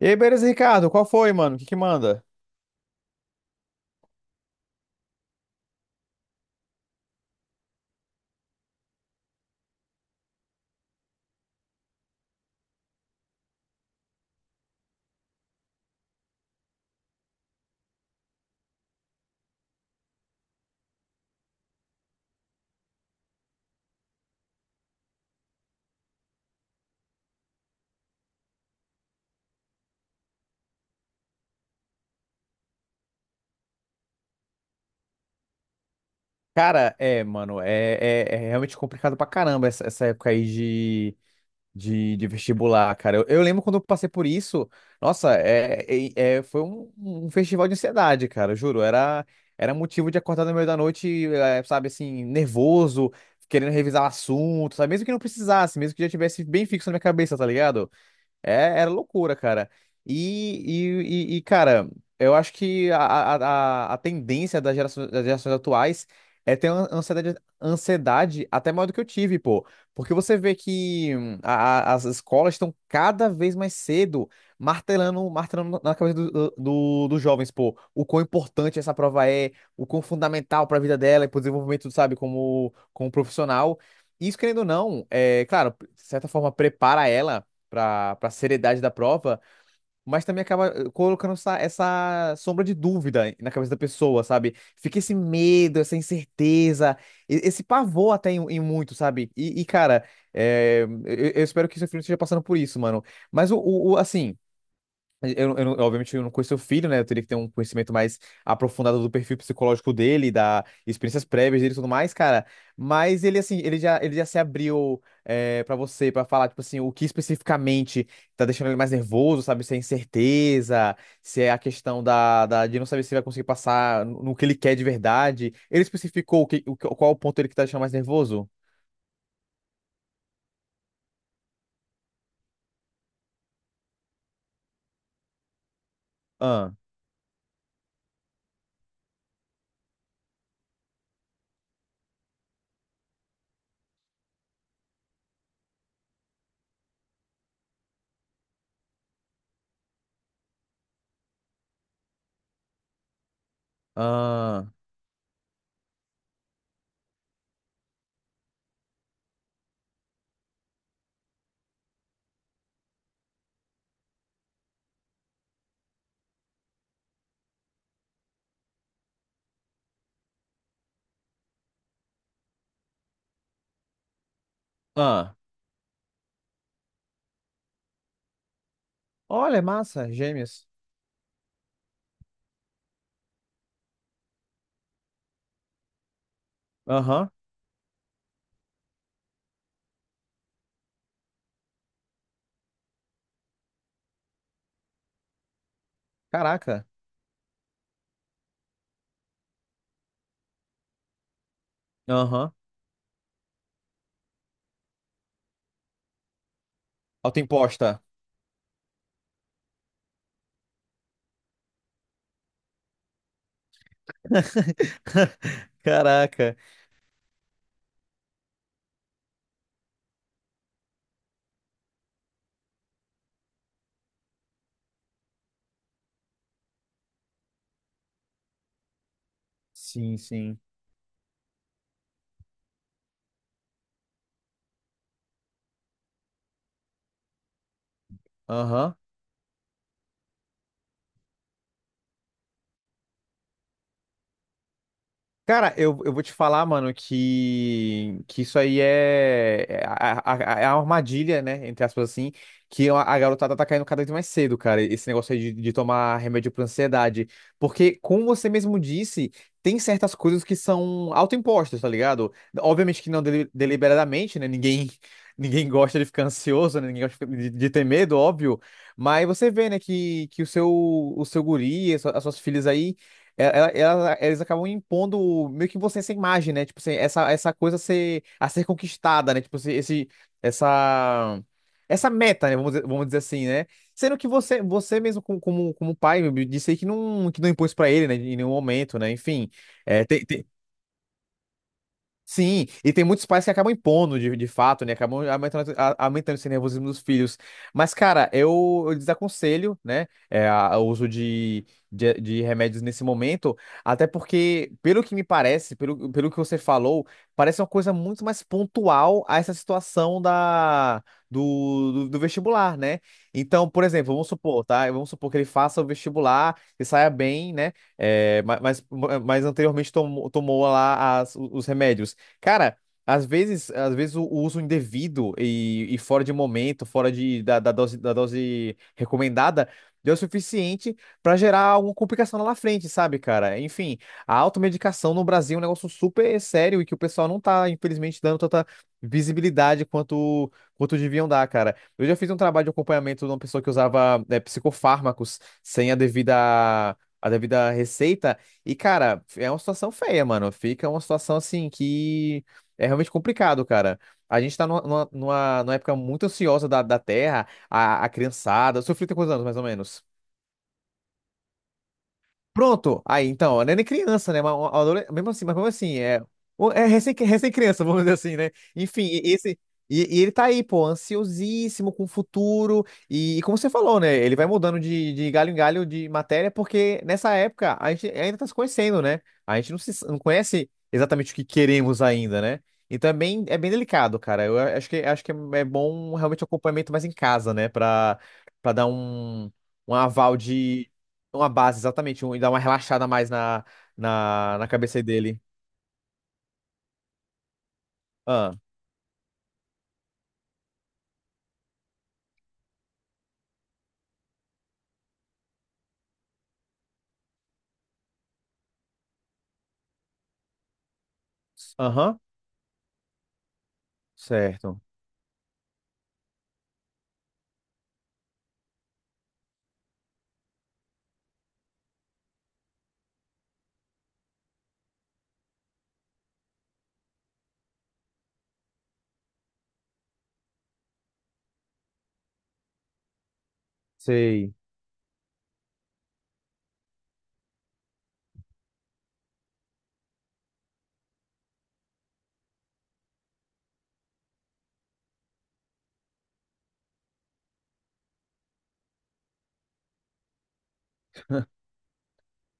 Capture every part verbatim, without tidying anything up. E aí, beleza, Ricardo? Qual foi, mano? O que que manda? Cara, é, mano, é, é, é realmente complicado pra caramba essa, essa época aí de, de, de vestibular, cara. Eu, eu lembro quando eu passei por isso. Nossa, é, é, é- foi um, um festival de ansiedade, cara, eu juro. Era, era motivo de acordar no meio da noite, é, sabe, assim, nervoso, querendo revisar o assunto, sabe? Mesmo que não precisasse, mesmo que já tivesse bem fixo na minha cabeça, tá ligado? É, era loucura, cara. E, e, e, e, cara, eu acho que a, a, a a tendência das gerações, das gerações atuais é ter uma ansiedade, ansiedade até maior do que eu tive, pô. Porque você vê que hum, a- a- as escolas estão cada vez mais cedo martelando, martelando na cabeça do, do- do- dos jovens, pô, o quão importante essa prova é, o quão fundamental para a vida dela e para o desenvolvimento, sabe, como, como profissional. Isso, querendo ou não, é claro, de certa forma, prepara ela pra, pra seriedade da prova, mas também acaba eh, colocando essa, essa sombra de dúvida na cabeça da pessoa, sabe? Fica esse medo, essa incerteza, e- esse pavor até em, em muito, sabe? E, e, cara, eh, eu, eu espero que seu filho esteja passando por isso, mano. Mas o, o, o, assim. Eu, eu não- obviamente, eu não conheço o filho, né? Eu teria que ter um conhecimento mais aprofundado do perfil psicológico dele, da experiências prévias dele e tudo mais, cara. Mas ele, assim, ele já, ele já se abriu é, para você, pra falar, tipo assim, o que especificamente tá deixando ele mais nervoso, sabe? Se é incerteza, se é a questão da, da- de não saber se vai conseguir passar no, no que ele quer de verdade. Ele especificou o que, o, qual o ponto ele que tá deixando mais nervoso? Ah, ah, ah. Olha, massa, gêmeos. Aham, caraca. Aham. Autoimposta. Caraca. Sim, sim. Aham. Cara, eu, eu vou te falar, mano, que, que isso aí é, é a, a, a- é a armadilha, né? Entre aspas, assim, que a, a garotada tá caindo cada vez mais cedo, cara. Esse negócio aí de, de tomar remédio pra ansiedade. Porque, como você mesmo disse, tem certas coisas que são autoimpostas, tá ligado? Obviamente que não deli- deliberadamente, né? Ninguém, ninguém gosta de ficar ansioso, né? Ninguém gosta de, de ter medo, óbvio. Mas você vê, né, que, que o seu, o seu guri, as suas as suas filhas aí. Ela- ela- eles acabam impondo meio que você essa imagem, né? Tipo, assim, essa, essa coisa a ser, a ser conquistada, né? Tipo, assim, esse, essa, essa meta, né? Vamos dizer, vamos dizer assim, né? Sendo que você, você mesmo, como, como, como pai, disse aí que não, que não impôs pra ele, né? Em nenhum momento, né? Enfim, é tem, tem- Sim, e tem muitos pais que acabam impondo de, de fato, né? Acabam aumentando, a- aumentando esse nervosismo dos filhos. Mas, cara, eu, eu desaconselho, né? é, a- o uso de, de, de remédios nesse momento, até porque, pelo que me parece, pelo, pelo que você falou, parece uma coisa muito mais pontual a essa situação da, do, do, do vestibular, né? Então, por exemplo, vamos supor, tá? Vamos supor que ele faça o vestibular e saia bem, né? É, ma- mas, mas anteriormente tomou, tomou lá as, os remédios. Cara, às vezes, às vezes o, o uso indevido e, e fora de momento, fora de, da, da dose, da dose recomendada, deu o suficiente pra gerar alguma complicação lá na frente, sabe, cara? Enfim, a automedicação no Brasil é um negócio super sério e que o pessoal não tá, infelizmente, dando tanta visibilidade quanto, quanto deviam dar, cara. Eu já fiz um trabalho de acompanhamento de uma pessoa que usava, eh, psicofármacos sem a devida, a devida receita. E, cara, é uma situação feia, mano. Fica uma situação assim que é realmente complicado, cara. A gente tá numa, numa, numa numa época muito ansiosa da, da Terra, a, a criançada. O seu filho tem quantos anos, mais ou menos? Pronto. Aí, então, não é nem criança, né? Mas, uma uma adole- mesmo assim, mas mesmo assim, é, o- é recém, recém-criança, vamos dizer assim, né? Enfim, e- e esse. E, e ele tá aí, pô, ansiosíssimo com o futuro. E, e como você falou, né? Ele vai mudando de, de galho em galho de matéria, porque nessa época a gente ainda tá se conhecendo, né? A gente não, se, não conhece exatamente o que queremos ainda, né? Então é bem, é bem delicado, cara. Eu acho que, acho que é bom realmente o acompanhamento mais em casa, né? Pra, pra dar um, um aval uma base, exatamente, um, e dá uma relaxada mais na, na, na cabeça dele. Ah, aham, certo. Sei.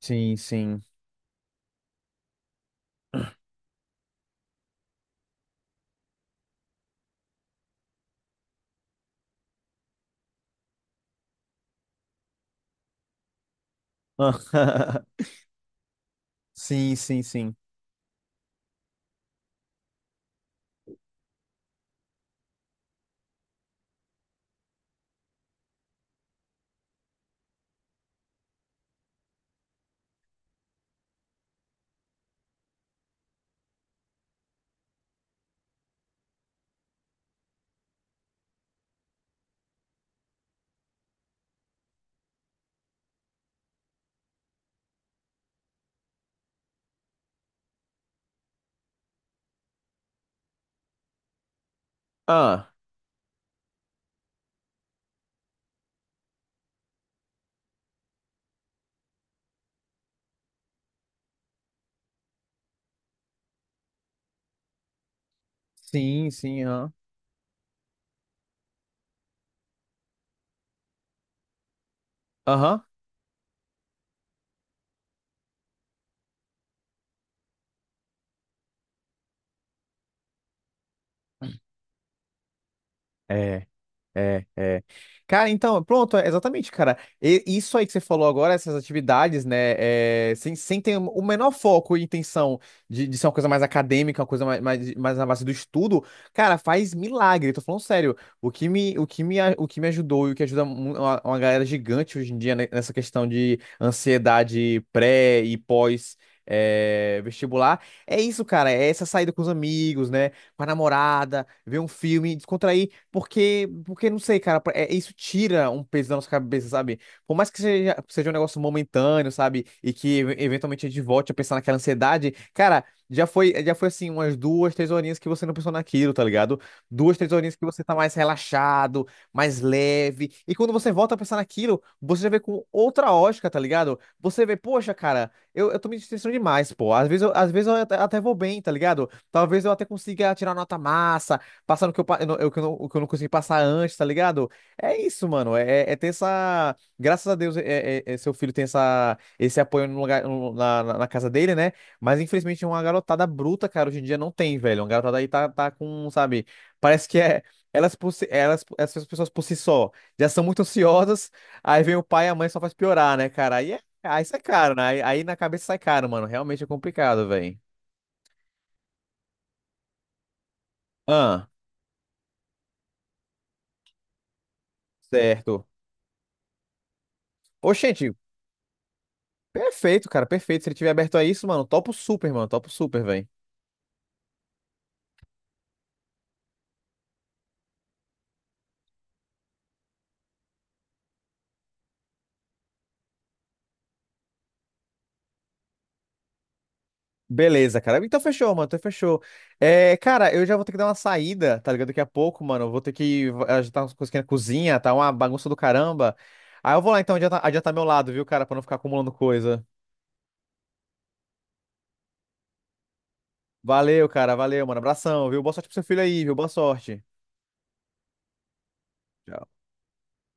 Sim, sim. Ah, sim, sim, sim. Ah, sim, sim, aham. Aham. É. É, é. Cara, então, pronto, é exatamente, cara. E- isso aí que você falou agora, essas atividades, né, é, sem, sem ter o menor foco e intenção de, de ser uma coisa mais acadêmica, uma coisa mais, mais, mais na base do estudo, cara, faz milagre, tô falando sério. O que me, o que me, a- o que me ajudou e o que ajuda mu- uma, uma galera gigante hoje em dia, né, nessa questão de ansiedade pré e pós. é, vestibular, é isso, cara. É essa saída com os amigos, né? Com a namorada, ver um filme, descontrair. Porque, porque não sei, cara, é, isso tira um peso da nossa cabeça, sabe? Por mais que seja, seja um negócio momentâneo, sabe? E que ev- eventualmente a gente volte a pensar naquela ansiedade, cara, já foi, já foi assim, umas duas, três horinhas que você não pensou naquilo, tá ligado? Duas, três horinhas que você tá mais relaxado, mais leve. E quando você volta a pensar naquilo, você já vê com outra ótica, tá ligado? Você vê, poxa, cara, eu, eu tô me distanciando demais, pô. Às vezes eu, às vezes eu até, até vou bem, tá ligado? Talvez eu até consiga tirar nota massa passando o que eu, pa- eu não- eu que eu não, o que eu não consegui passar antes, tá ligado? É isso, mano. É, é é ter essa. Graças a Deus, é, é- é- seu filho tem essa, esse apoio no lugar, no- na, na na casa dele, né? Mas infelizmente uma garotada bruta, cara, hoje em dia não tem, velho. Uma garotada aí tá, tá com, sabe? Parece que é. Elas, por si- elas, Essas pessoas por si só já são muito ansiosas, aí vem o pai e a mãe só faz piorar, né, cara? Aí, é, aí sai caro, né? Aí, aí na cabeça sai caro, mano. Realmente é complicado, velho. Ah, certo. Oxente. Perfeito, cara, perfeito. Se ele tiver aberto a isso, mano, topo super, mano, topo super, velho. Beleza, cara. Então fechou, mano, então fechou. É, cara, eu já vou ter que dar uma saída, tá ligado? Daqui a pouco, mano, eu vou ter que ajeitar umas coisas aqui na cozinha, tá uma bagunça do caramba. Aí eu vou lá então adiantar, adiantar meu lado, viu, cara, pra não ficar acumulando coisa. Valeu, cara, valeu, mano. Abração, viu? Boa sorte pro seu filho aí, viu? Boa sorte. Tchau.